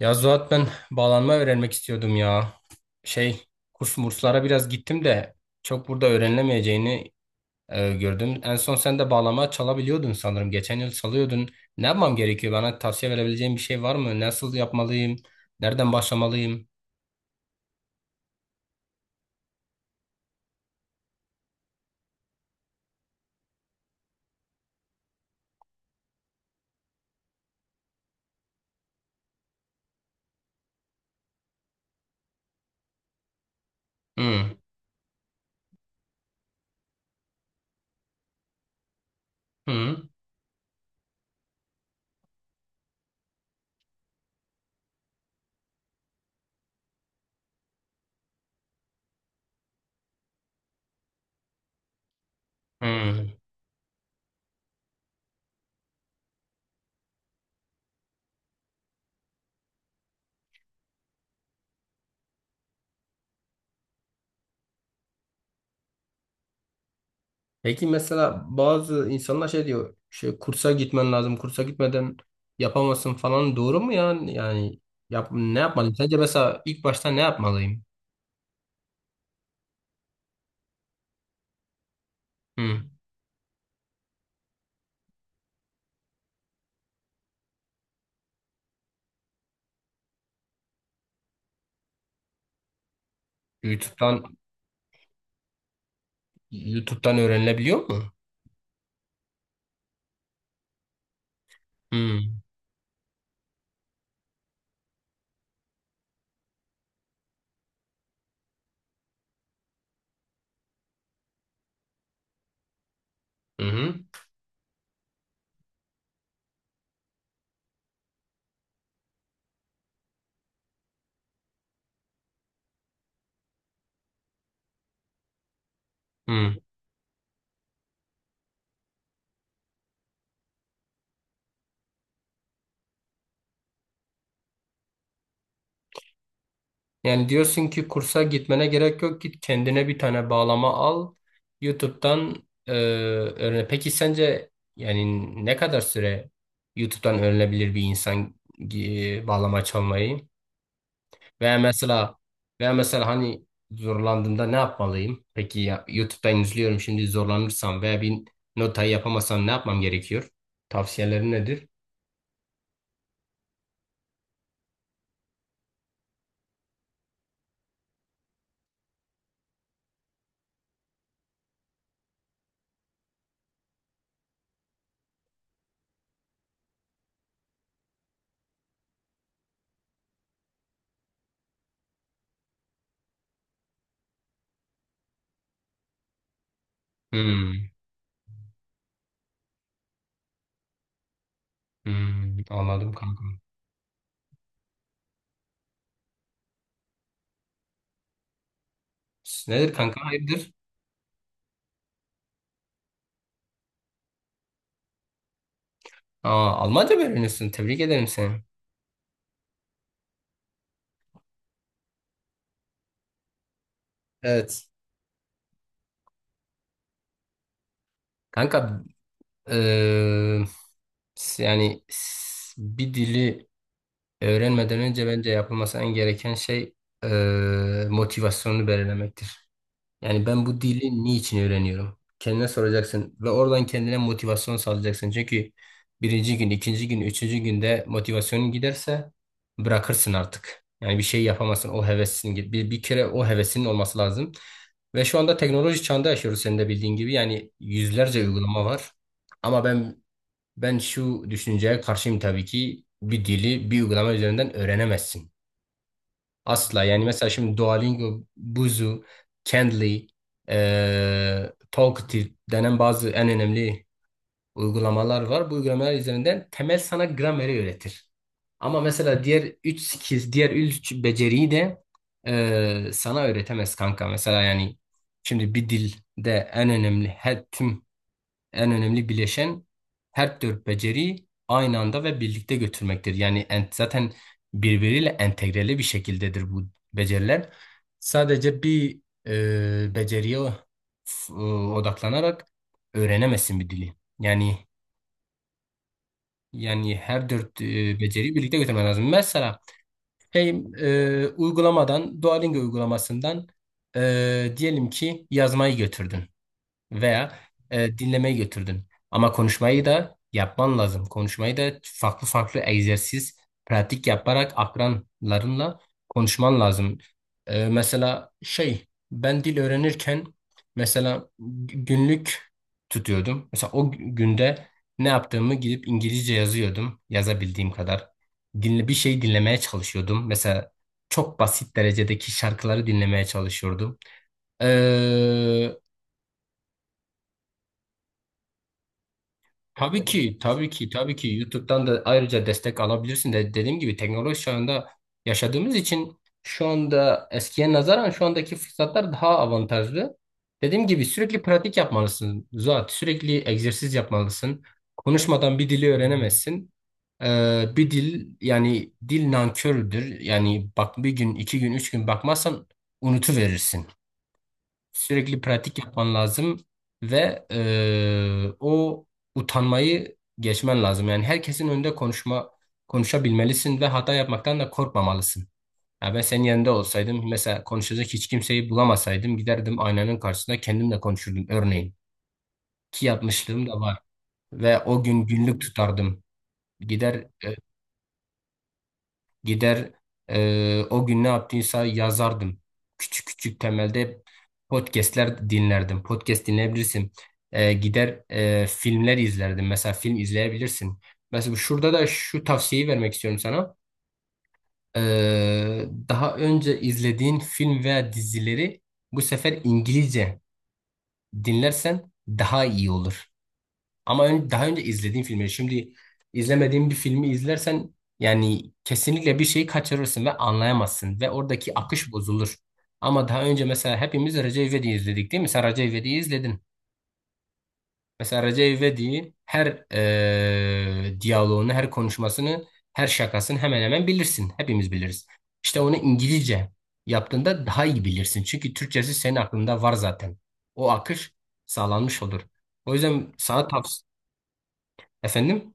Ya Zuhat ben bağlanma öğrenmek istiyordum ya. Şey kurs murslara biraz gittim de çok burada öğrenilemeyeceğini gördüm. En son sen de bağlama çalabiliyordun sanırım. Geçen yıl çalıyordun. Ne yapmam gerekiyor? Bana tavsiye verebileceğin bir şey var mı? Nasıl yapmalıyım? Nereden başlamalıyım? Hı, hı, hı. Peki mesela bazı insanlar şey diyor. Şey, kursa gitmen lazım. Kursa gitmeden yapamazsın falan. Doğru mu ya? Yani ne yapmalıyım? Sence mesela ilk başta ne yapmalıyım? Hı. YouTube'dan YouTube'dan öğrenilebiliyor mu? Hmm. Hı hı. Hmm. Yani diyorsun ki kursa gitmene gerek yok. Git kendine bir tane bağlama al. YouTube'dan öğren. Peki sence yani ne kadar süre YouTube'dan öğrenebilir bir insan bağlama çalmayı? Veya mesela veya mesela hani zorlandığımda ne yapmalıyım? Peki ya, YouTube'dan izliyorum şimdi zorlanırsam veya bir notayı yapamasam ne yapmam gerekiyor? Tavsiyelerin nedir? Hmm. Hmm, anladım kanka. Nedir kanka? Hayırdır? Aa, Almanca mı öğreniyorsun? Tebrik ederim seni. Evet. Kanka eee, bir dili öğrenmeden önce bence yapılması en gereken şey motivasyonunu belirlemektir. Yani ben bu dili niçin öğreniyorum? Kendine soracaksın ve oradan kendine motivasyon sağlayacaksın. Çünkü birinci gün, ikinci gün, üçüncü günde motivasyonun giderse bırakırsın artık. Yani bir şey yapamazsın. O hevesin git. Bir kere o hevesinin olması lazım. Ve şu anda teknoloji çağında yaşıyoruz senin de bildiğin gibi. Yani yüzlerce uygulama var. Ama ben ben şu düşünceye karşıyım tabii ki bir dili bir uygulama üzerinden öğrenemezsin. Asla yani mesela şimdi Duolingo, Buzu, Cambly, Talkative denen bazı en önemli uygulamalar var. Bu uygulamalar üzerinden temel sana grameri öğretir. Ama mesela diğer 3 skill, diğer 3 beceriyi de sana öğretemez kanka. Mesela yani şimdi bir dilde en önemli bileşen her dört beceriyi aynı anda ve birlikte götürmektir. Zaten birbiriyle entegreli bir şekildedir bu beceriler. Sadece bir beceriye f- e, odaklanarak öğrenemezsin bir dili. Yani yani her dört beceriyi birlikte götürmen lazım. Mesela hey, uygulamadan, Duolingo uygulamasından diyelim ki yazmayı götürdün veya dinlemeyi götürdün. Ama konuşmayı da yapman lazım. Konuşmayı da farklı farklı egzersiz, pratik yaparak akranlarınla konuşman lazım. Mesela ben dil öğrenirken mesela günlük tutuyordum. Mesela o günde ne yaptığımı gidip İngilizce yazıyordum, yazabildiğim kadar. Dinle, bir şey dinlemeye çalışıyordum. Mesela çok basit derecedeki şarkıları dinlemeye çalışıyordum. Tabii ki, tabii ki, tabii ki YouTube'dan da ayrıca destek alabilirsin de dediğim gibi teknoloji çağında yaşadığımız için şu anda eskiye nazaran şu andaki fırsatlar daha avantajlı. Dediğim gibi sürekli pratik yapmalısın Zuhat, sürekli egzersiz yapmalısın. Konuşmadan bir dili öğrenemezsin. Bir dil yani dil nankördür. Yani bak bir gün, iki gün, üç gün bakmazsan unutuverirsin. Sürekli pratik yapman lazım ve o utanmayı geçmen lazım. Yani herkesin önünde konuşabilmelisin ve hata yapmaktan da korkmamalısın. Ya ben senin yerinde olsaydım mesela konuşacak hiç kimseyi bulamasaydım giderdim aynanın karşısında kendimle konuşurdum örneğin. Ki yapmışlığım da var ve o gün günlük tutardım. Gider e, Gider o gün ne yaptıysa yazardım. Küçük küçük temelde podcastler dinlerdim. Podcast dinleyebilirsin. Gider filmler izlerdim. Mesela film izleyebilirsin. Mesela şurada da şu tavsiyeyi vermek istiyorum sana. E, daha önce izlediğin film veya dizileri bu sefer İngilizce dinlersen daha iyi olur. Daha önce izlediğin filmleri şimdi izlemediğin bir filmi izlersen yani kesinlikle bir şeyi kaçırırsın ve anlayamazsın ve oradaki akış bozulur. Ama daha önce mesela hepimiz Recep İvedik'i izledik değil mi? Sen Recep İvedik'i izledin. Mesela Recep İvedik'in her diyaloğunu, her konuşmasını, her şakasını hemen hemen bilirsin. Hepimiz biliriz. İşte onu İngilizce yaptığında daha iyi bilirsin. Çünkü Türkçesi senin aklında var zaten. O akış sağlanmış olur. O yüzden sana tavsiye... Efendim?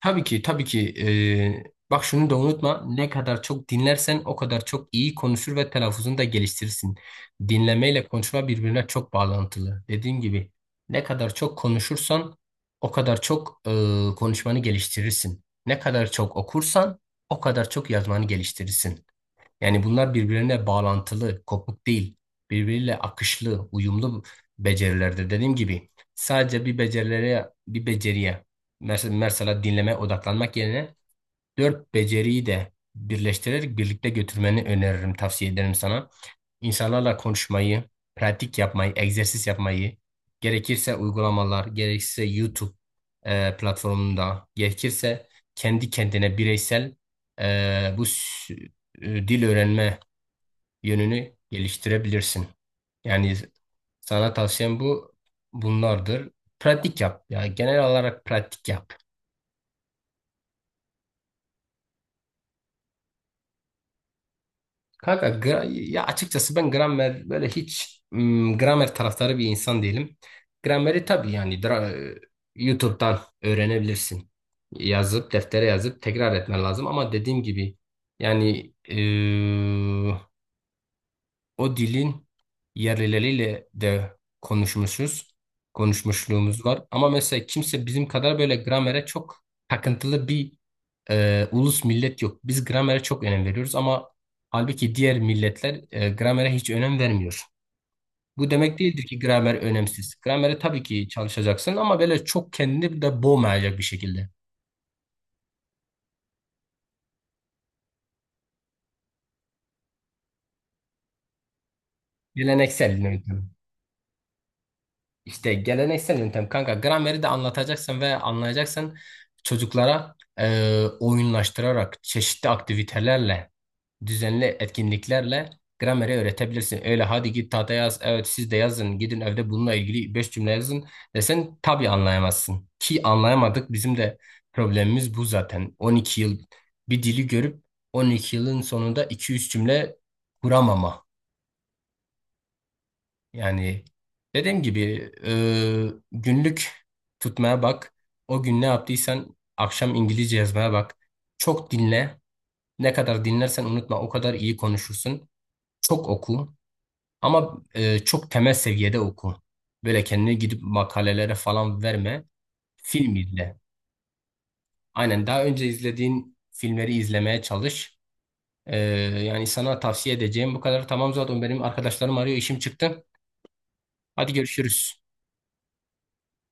Tabii ki, tabii ki. Bak şunu da unutma. Ne kadar çok dinlersen o kadar çok iyi konuşur ve telaffuzunu da geliştirirsin. Dinlemeyle konuşma birbirine çok bağlantılı. Dediğim gibi ne kadar çok konuşursan o kadar çok konuşmanı geliştirirsin. Ne kadar çok okursan o kadar çok yazmanı geliştirirsin. Yani bunlar birbirine bağlantılı, kopuk değil. Birbiriyle akışlı, uyumlu becerilerde dediğim gibi sadece bir beceriye mesela dinleme odaklanmak yerine dört beceriyi de birleştirerek birlikte götürmeni öneririm, tavsiye ederim sana. İnsanlarla konuşmayı, pratik yapmayı, egzersiz yapmayı, gerekirse uygulamalar, gerekirse YouTube platformunda, gerekirse kendi kendine bireysel e, bu s- dil öğrenme yönünü geliştirebilirsin. Yani sana tavsiyem bunlardır. Pratik yap. Ya genel olarak pratik yap. Kanka gra- ya açıkçası ben gramer böyle hiç gramer taraftarı bir insan değilim. Grameri tabii yani dra- YouTube'dan öğrenebilirsin. Deftere yazıp tekrar etmen lazım ama dediğim gibi yani O dilin yerlileriyle de konuşmuşuz. Konuşmuşluğumuz var. Ama mesela kimse bizim kadar böyle gramere çok takıntılı bir ulus millet yok. Biz gramere çok önem veriyoruz ama halbuki diğer milletler gramere hiç önem vermiyor. Bu demek değildir ki gramer önemsiz. Gramere tabii ki çalışacaksın ama böyle çok kendini de boğmayacak bir şekilde. Geleneksel yöntem. İşte geleneksel yöntem kanka grameri de anlatacaksın ve anlayacaksın çocuklara oyunlaştırarak çeşitli aktivitelerle düzenli etkinliklerle grameri öğretebilirsin. Öyle hadi git tahta yaz evet siz de yazın gidin evde bununla ilgili 5 cümle yazın desen tabii anlayamazsın. Ki anlayamadık bizim de problemimiz bu zaten 12 yıl bir dili görüp 12 yılın sonunda iki üç cümle kuramama. Yani dediğim gibi günlük tutmaya bak. O gün ne yaptıysan akşam İngilizce yazmaya bak. Çok dinle. Ne kadar dinlersen unutma o kadar iyi konuşursun. Çok oku ama çok temel seviyede oku. Böyle kendini gidip makalelere falan verme. Film izle. Aynen daha önce izlediğin filmleri izlemeye çalış. E, yani sana tavsiye edeceğim bu kadar. Tamam zaten benim arkadaşlarım arıyor işim çıktı. Hadi görüşürüz.